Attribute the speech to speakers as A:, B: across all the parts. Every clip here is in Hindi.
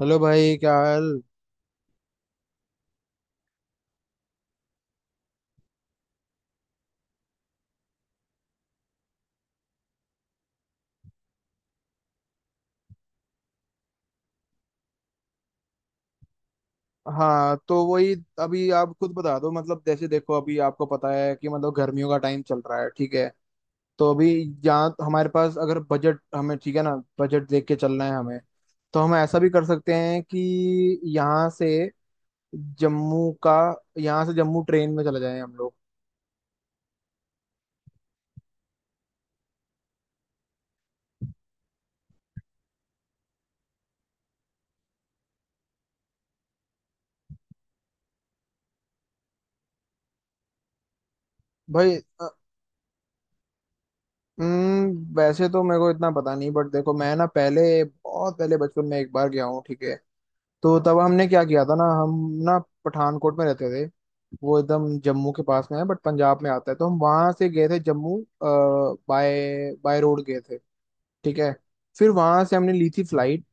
A: हेलो भाई, क्या हाल। हाँ, तो वही। अभी आप खुद बता दो, मतलब जैसे देखो, अभी आपको पता है कि मतलब गर्मियों का टाइम चल रहा है, ठीक है। तो अभी यहाँ हमारे पास अगर बजट, हमें ठीक है ना, बजट देख के चलना है हमें। तो हम ऐसा भी कर सकते हैं कि यहाँ से जम्मू का, यहाँ से जम्मू ट्रेन में चले जाएं हम लोग। भाई वैसे तो मेरे को इतना पता नहीं, बट देखो, मैं ना पहले, बहुत पहले बचपन में एक बार गया हूँ, ठीक है। तो तब हमने क्या किया था ना, हम ना पठानकोट में रहते थे। वो एकदम जम्मू के पास में है बट पंजाब में आता है, तो हम वहां से गए थे जम्मू। बाय बाय रोड गए थे। ठीक है। फिर वहां से हमने ली थी फ्लाइट।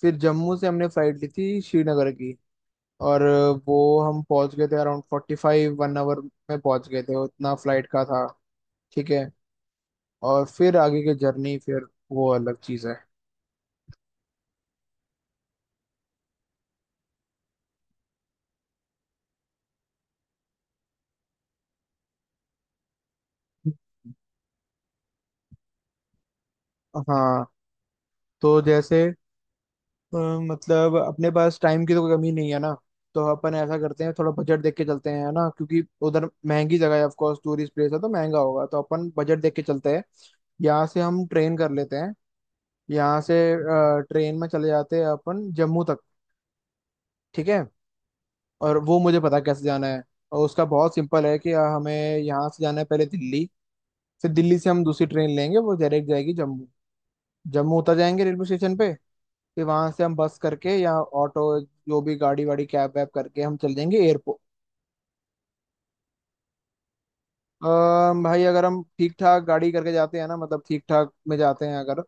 A: फिर जम्मू से हमने फ्लाइट ली थी श्रीनगर की। और वो हम पहुंच गए थे अराउंड 45 1 आवर में, पहुंच गए थे, उतना फ्लाइट का था। ठीक है। और फिर आगे की जर्नी फिर वो अलग चीज़ है। हाँ, तो जैसे अ, मतलब अपने पास टाइम की तो कोई कमी नहीं है ना। तो अपन ऐसा करते हैं, थोड़ा बजट देख के चलते हैं, है ना, क्योंकि उधर महंगी जगह है, ऑफ कोर्स टूरिस्ट प्लेस है, तो महंगा होगा, तो अपन बजट देख के चलते हैं। यहाँ से हम ट्रेन कर लेते हैं। यहाँ से ट्रेन में चले जाते हैं अपन जम्मू तक। ठीक है। और वो मुझे पता है कैसे जाना है। और उसका बहुत सिंपल है कि हमें यहाँ से जाना है पहले दिल्ली। फिर दिल्ली से हम दूसरी ट्रेन लेंगे, वो डायरेक्ट जाएगी जम्मू। जम्मू उतर जाएंगे रेलवे स्टेशन पे। फिर वहां से हम बस करके या ऑटो, जो भी गाड़ी वाड़ी कैब वैब करके, हम चल जाएंगे एयरपोर्ट। भाई, अगर हम ठीक ठाक गाड़ी करके जाते हैं ना, मतलब ठीक ठाक में जाते हैं अगर,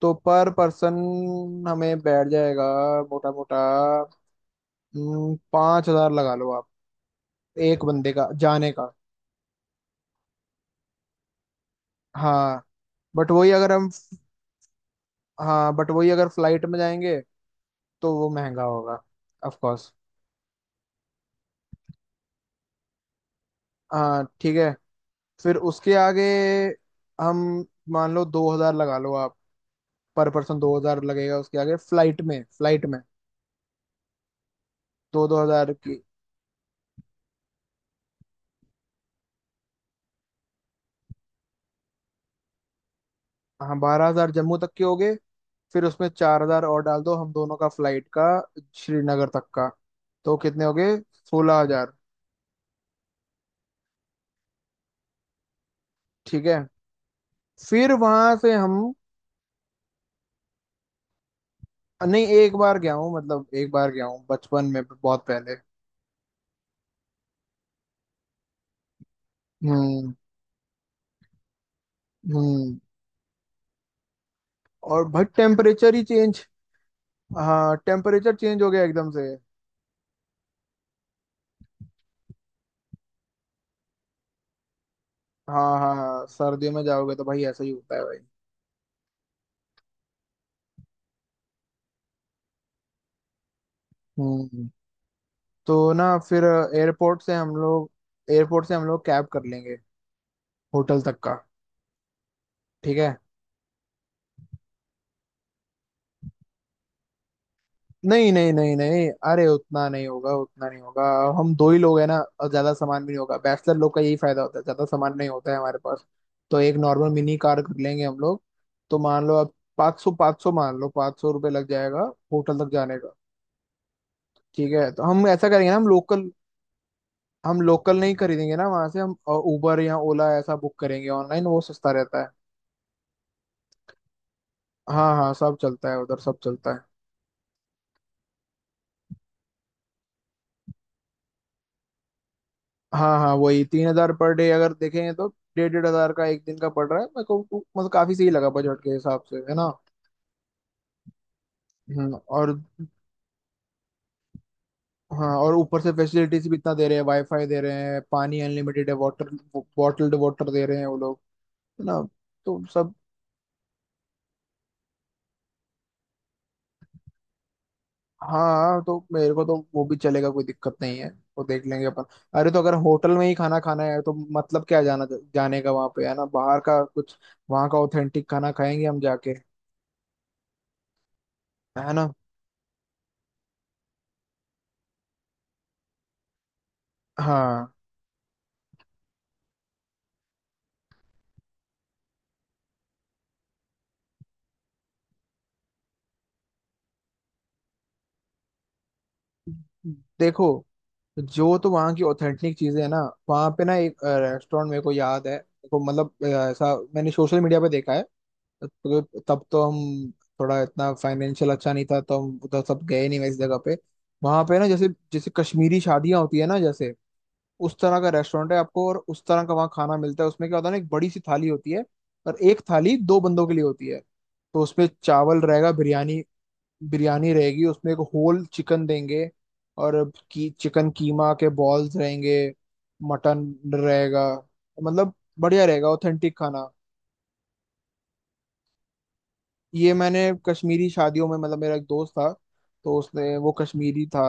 A: तो पर पर्सन हमें बैठ जाएगा, मोटा मोटा 5 हजार लगा लो आप, एक बंदे का जाने का। हाँ बट वही अगर हम हाँ, बट वही अगर फ्लाइट में जाएंगे तो वो महंगा होगा, ऑफ कोर्स। हाँ, ठीक है। फिर उसके आगे हम, मान लो 2 हजार लगा लो आप, पर पर्सन 2 हजार लगेगा उसके आगे फ्लाइट में, फ्लाइट में 2-2 हजार की। हाँ, 12 हजार जम्मू तक के हो गए। फिर उसमें 4 हजार और डाल दो, हम दोनों का फ्लाइट का श्रीनगर तक का। तो कितने हो गए? 16 हजार। ठीक है। फिर वहां से हम, नहीं, एक बार गया हूँ, मतलब एक बार गया हूँ बचपन में, बहुत पहले। हम्म। हम्म। और भाई टेम्परेचर ही चेंज। हाँ, टेम्परेचर चेंज हो गया एकदम से। हाँ हाँ हाँ, सर्दियों में जाओगे तो भाई ऐसा ही होता है भाई। हम्म। तो ना, फिर एयरपोर्ट से हम लोग, एयरपोर्ट से हम लोग कैब कर लेंगे होटल तक का। ठीक है। नहीं नहीं नहीं नहीं, अरे उतना नहीं होगा, उतना नहीं होगा। हम दो ही लोग हैं ना, और ज्यादा सामान भी नहीं होगा, बैचलर लोग का यही फायदा होता है, ज्यादा सामान नहीं होता है हमारे पास। तो एक नॉर्मल मिनी कार कर लेंगे हम लोग। तो मान लो अब, 500, 500 मान लो, 500 रुपये लग जाएगा होटल तक जाने का। ठीक है, तो हम ऐसा करेंगे ना, हम लोकल, हम लोकल नहीं खरीदेंगे ना, वहां से हम उबर या ओला ऐसा बुक करेंगे ऑनलाइन, वो सस्ता रहता है। हाँ हाँ, सब चलता है उधर, सब चलता है। हाँ हाँ वही, 3 हजार पर डे अगर देखें तो 1,500-1,500 का एक दिन का पड़ रहा है मेरे को। मतलब काफी सही लगा बजट के हिसाब से, है ना। और हाँ, और ऊपर से फैसिलिटीज भी इतना दे रहे हैं, वाईफाई दे रहे हैं, पानी अनलिमिटेड है, वाटर, बॉटल्ड वाटर दे रहे हैं वो लोग, है ना। तो सब हाँ, तो मेरे को तो वो भी चलेगा, कोई दिक्कत नहीं है। वो देख लेंगे अपन। अरे, तो अगर होटल में ही खाना खाना है, तो मतलब क्या जाना, जाने का वहाँ पे, है ना, बाहर का कुछ, वहाँ का ऑथेंटिक खाना खाएंगे हम जाके, है ना। हाँ, देखो जो तो वहाँ की ऑथेंटिक चीजें है ना, वहाँ पे ना एक रेस्टोरेंट मेरे को याद है। देखो मतलब ऐसा मैंने सोशल मीडिया पे देखा है। तो, तब तो हम, थोड़ा इतना फाइनेंशियल अच्छा नहीं था, तो हम उधर सब गए नहीं, मैं इस जगह पे। वहाँ पे ना जैसे, जैसे कश्मीरी शादियाँ होती है ना, जैसे उस तरह का रेस्टोरेंट है आपको, और उस तरह का वहाँ खाना मिलता है। उसमें क्या होता है ना, एक बड़ी सी थाली होती है और एक थाली दो बंदों के लिए होती है। तो उसमें चावल रहेगा, बिरयानी बिरयानी रहेगी, उसमें एक होल चिकन देंगे, और की चिकन कीमा के बॉल्स रहेंगे, मटन रहेगा, मतलब बढ़िया रहेगा ऑथेंटिक खाना। ये मैंने कश्मीरी शादियों में, मतलब मेरा एक दोस्त था, तो उसने, वो कश्मीरी था।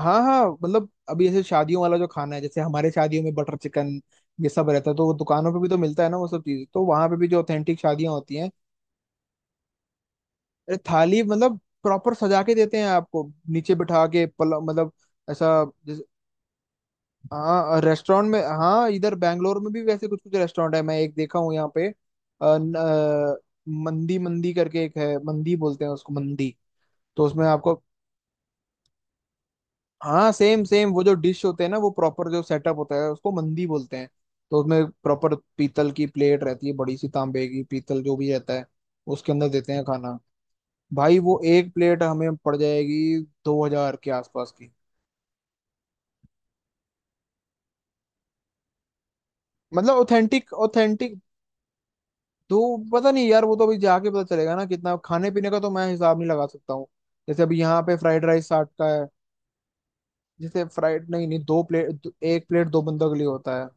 A: हाँ हाँ, मतलब अभी ऐसे शादियों वाला जो खाना है, जैसे हमारे शादियों में बटर चिकन ये सब रहता है, तो वो दुकानों पे भी तो मिलता है ना वो सब चीज़, तो वहां पे भी जो ऑथेंटिक शादियां होती हैं। अरे, थाली मतलब प्रॉपर सजा के देते हैं आपको, नीचे बिठा के, पल मतलब ऐसा। हाँ, और रेस्टोरेंट में, हाँ, इधर बैंगलोर में भी वैसे कुछ कुछ रेस्टोरेंट है, मैं एक देखा हूँ यहाँ पे, अ, न, अ, मंदी, मंदी करके एक है, मंदी बोलते हैं उसको, मंदी। तो उसमें आपको, हाँ सेम सेम, वो जो डिश होते हैं ना, वो प्रॉपर जो सेटअप होता है उसको मंदी बोलते हैं। तो उसमें प्रॉपर पीतल की प्लेट रहती है, बड़ी सी, तांबे की, पीतल, जो भी रहता है, उसके अंदर देते हैं खाना। भाई, वो एक प्लेट हमें पड़ जाएगी 2 हजार के आसपास की। मतलब ऑथेंटिक ऑथेंटिक। तो पता नहीं यार, वो तो अभी जाके पता चलेगा ना कितना, खाने पीने का तो मैं हिसाब नहीं लगा सकता हूँ। जैसे अभी यहाँ पे फ्राइड राइस 60 का है। जैसे फ्राइड, नहीं नहीं, दो प्लेट, एक प्लेट दो बंदों के लिए होता है।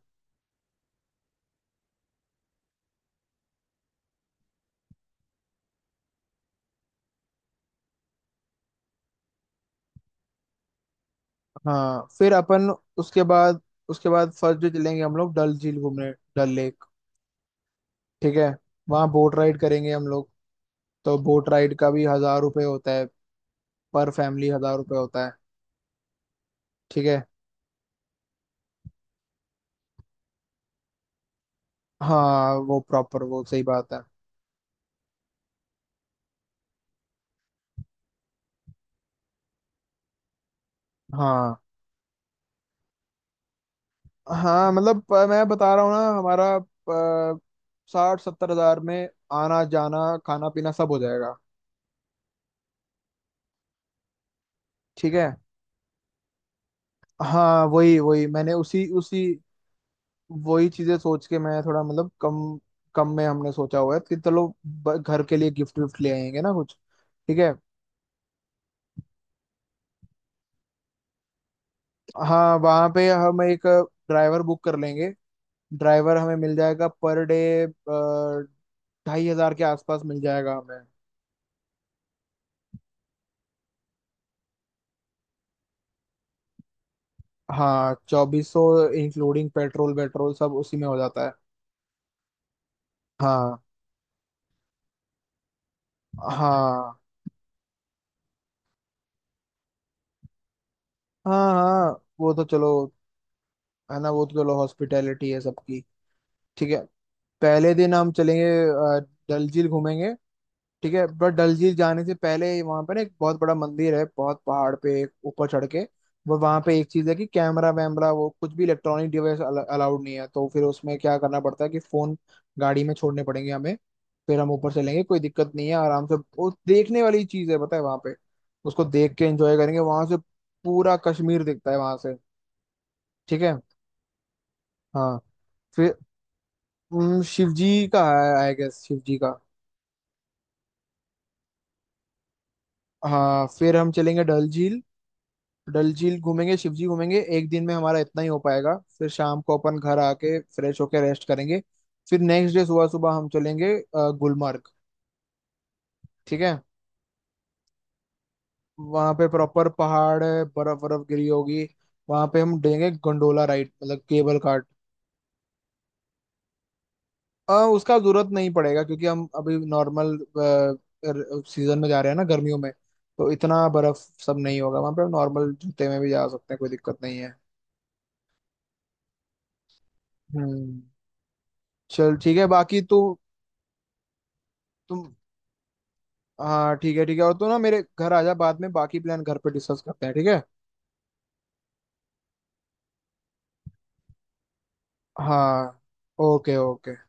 A: हाँ, फिर अपन, उसके बाद उसके बाद फर्स्ट डे चलेंगे हम लोग डल झील घूमने, डल लेक। ठीक है। वहाँ बोट राइड करेंगे हम लोग। तो बोट राइड का भी 1 हजार रुपये होता है, पर फैमिली 1 हजार रुपये होता है। ठीक है। हाँ, वो प्रॉपर, वो सही बात है। हाँ हाँ, मतलब मैं बता रहा हूँ ना, हमारा 60-70 हजार में आना जाना, खाना पीना सब हो जाएगा। ठीक है। हाँ, वही वही, मैंने उसी उसी, वही चीजें सोच के मैं थोड़ा, मतलब कम, कम में हमने सोचा हुआ है कि चलो घर के लिए गिफ्ट विफ्ट ले आएंगे ना कुछ। ठीक है। हाँ, वहाँ पे हम एक ड्राइवर बुक कर लेंगे, ड्राइवर हमें मिल जाएगा पर डे, 2,500 के आसपास मिल जाएगा हमें। हाँ, चौबीसों, इंक्लूडिंग पेट्रोल वेट्रोल सब उसी में हो जाता है। हाँ हाँ, हाँ हाँ, वो तो चलो, है ना, वो तो चलो, हॉस्पिटैलिटी है सबकी। ठीक है। पहले दिन हम चलेंगे डल झील घूमेंगे। ठीक है, बट डल झील जाने से पहले वहां पर ना एक बहुत बड़ा मंदिर है, बहुत पहाड़ पे, एक ऊपर चढ़ के। वो वहां पे एक चीज है कि कैमरा वैमरा, वो कुछ भी इलेक्ट्रॉनिक डिवाइस अलाउड नहीं है, तो फिर उसमें क्या करना पड़ता है कि फोन, गाड़ी में छोड़ने पड़ेंगे हमें। फिर हम ऊपर चलेंगे, कोई दिक्कत नहीं है, आराम से, वो देखने वाली चीज है, पता है वहां पे। उसको देख के एंजॉय करेंगे वहां से। पूरा कश्मीर दिखता है वहां से। ठीक है। हाँ फिर शिव जी का है आई गेस, शिव जी का। हाँ, फिर हम चलेंगे डल झील, डल झील घूमेंगे, शिव जी घूमेंगे, एक दिन में हमारा इतना ही हो पाएगा, फिर शाम को अपन घर आके फ्रेश होके रेस्ट करेंगे। फिर नेक्स्ट डे सुबह सुबह हम चलेंगे गुलमर्ग। ठीक है। वहाँ पे प्रॉपर पहाड़ है, बर्फ बर्फ गिरी होगी। वहाँ पे हम देंगे गंडोला राइड, मतलब केबल कार्ट। उसका जरूरत नहीं पड़ेगा, क्योंकि हम अभी नॉर्मल सीजन में जा रहे हैं ना, गर्मियों में, तो इतना बर्फ सब नहीं होगा वहाँ पे, हम नॉर्मल जूते में भी जा सकते हैं, कोई दिक्कत नहीं है। हम्म, चल ठीक है, बाकी तू, तुम, हाँ ठीक है, ठीक है, और तू ना मेरे घर आ जा, बाद में बाकी प्लान घर पे डिस्कस करते हैं, ठीक है। हाँ, ओके ओके।